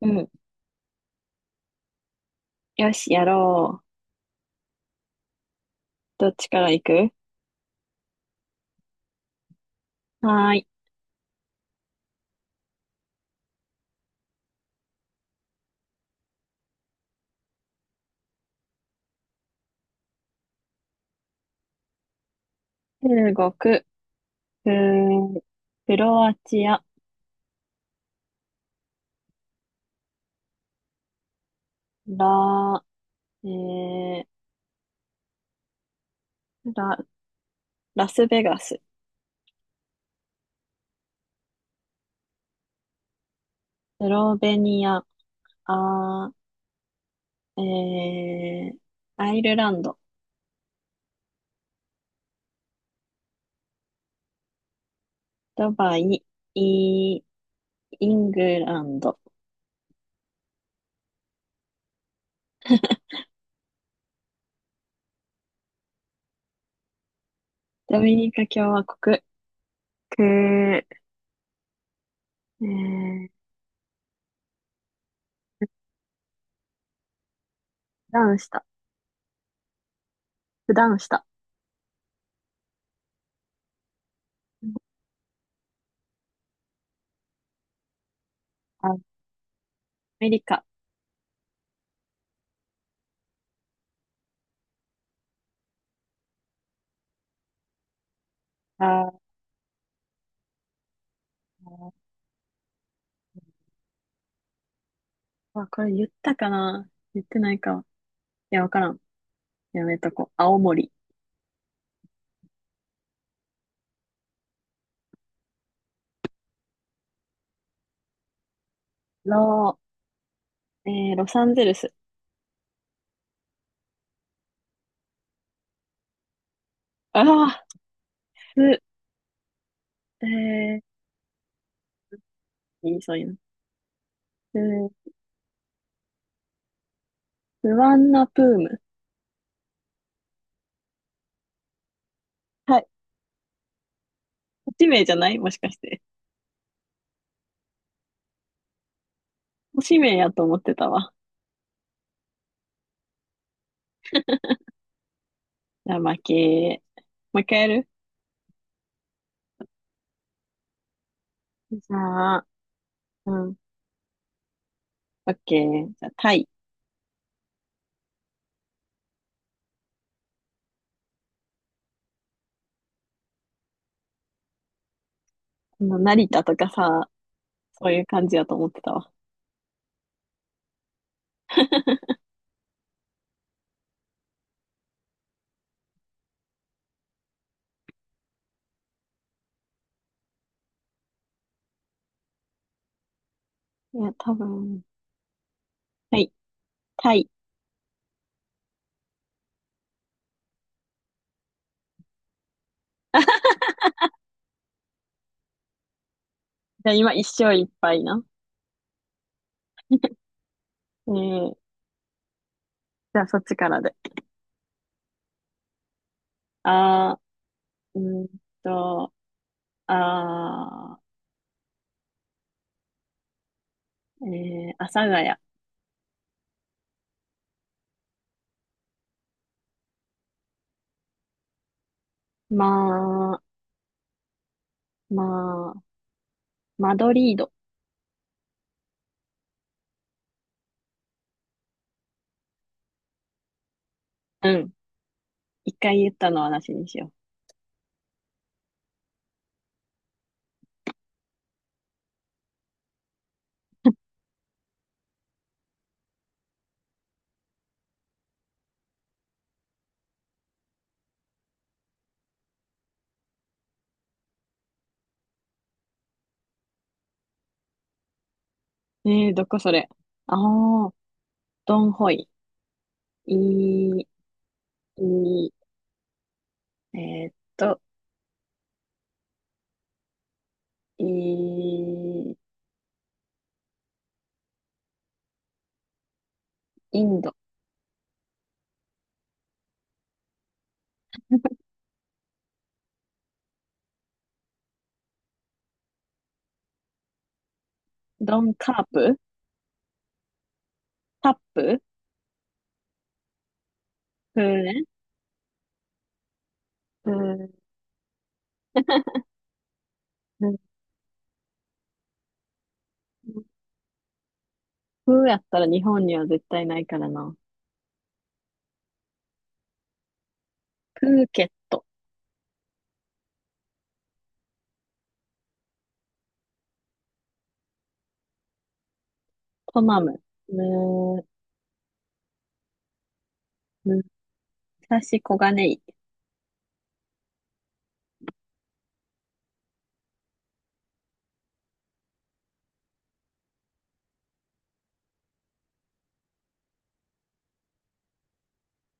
うん。よし、やろう。どっちから行く？はーい。中国、ク、クロアチア、ラ、えー、ラ、ラスベガス、スロベニア、あー、えー、アイルランド、ドバイ、イ、イングランド、ドミニカ共和国、ク、ー、普段した、普段した、アメリカ、あー、あ、これ言ったかな。言ってないか。や、わからん。やめとこう。青森。ロー、ロサンゼルス。ああ、す、えー、いい、そういうの。ー。スワンナプーム。はい。都名じゃないもしかして？都名やと思ってたわ。じゃあ、負け。もう一回やる？じゃあ、うん。オッケー。じゃあ、タイ。この成田とかさ、そういう感じやと思ってたわ。いや、多分。はい。タイ。じゃあ、今、一勝いっぱいな。えー、じゃあ、そっちからで。あー、と、あー、阿佐ヶ谷。まあ、まあ、マドリード。うん。一回言ったのはなしにしよう。どこそれ？ああ、ドンホイ。いい、いい、えーっと、いい、インド。ドンカープ。タップ。プーね。プー、プーやったら日本には絶対ないからな。プーケット。トマム。む、むさし小金井。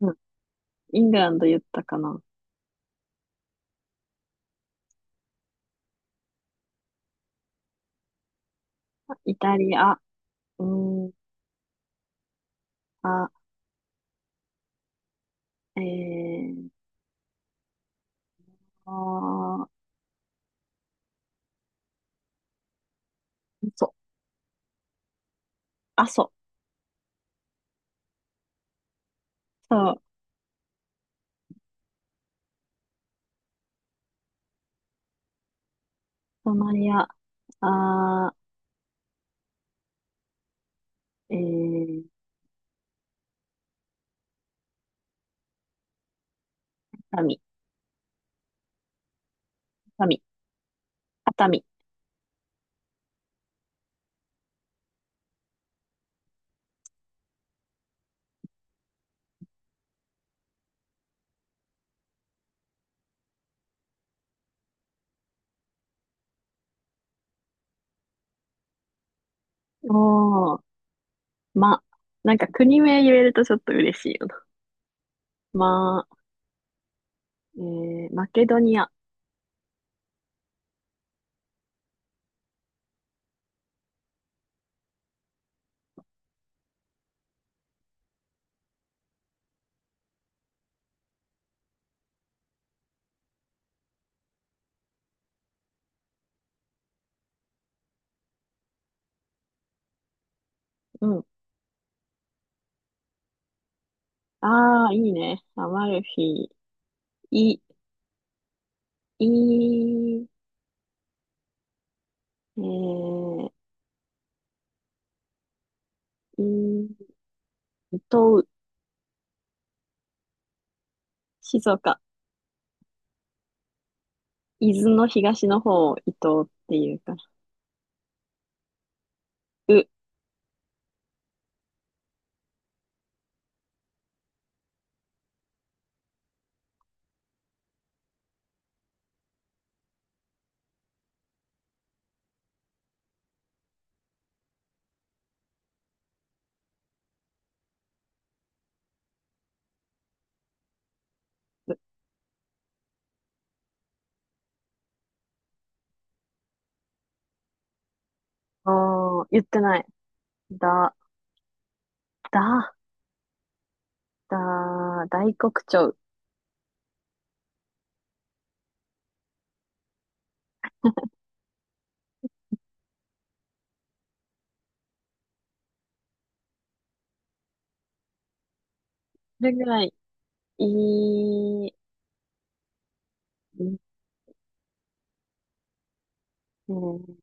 うん。イングランド言ったかな。イタリア。うん、あ、えー、あー、そう、あ、そそう、ソマリア、あー、えー、熱海、熱海、熱海。おー、ま、なんか国名言えるとちょっと嬉しいよな。ま、マケドニア、うん。あー、いいね。アマルフィ、い、い、えー、い、伊東、静岡、伊豆の東の方を伊東っていうから。う、うおー、言ってない。だ、だ、だ、大黒鳥。それぐらい、いい、んえー、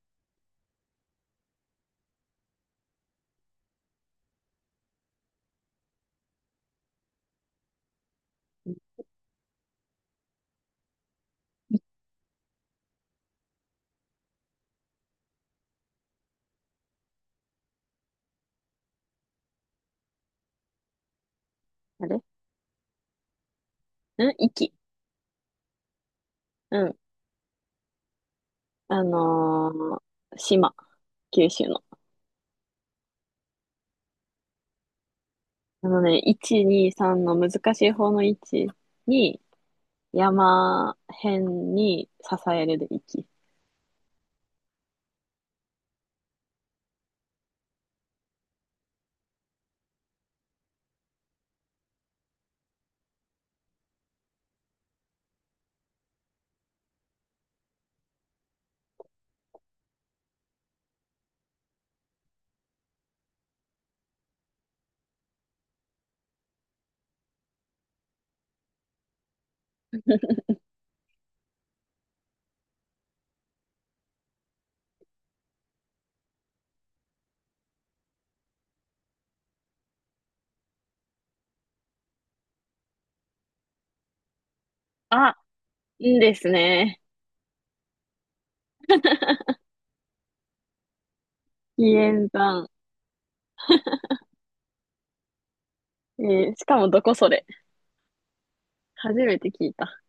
あれん息。うん。あのー島。九州の。あのね、1、2、3の難しい方の1に、山辺に支えるで息。あ、いいですね。ヒエン。えーしかもどこそれ？初めて聞いた。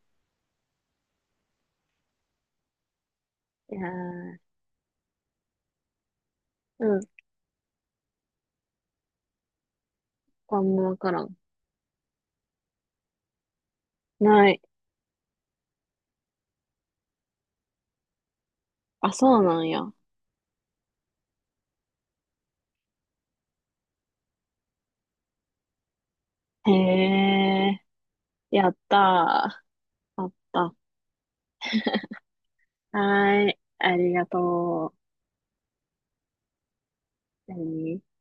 いやー、うん、あんまわからん。ない。あ、そうなんや。へえ、やったー。あった。はーい、ありがとう。何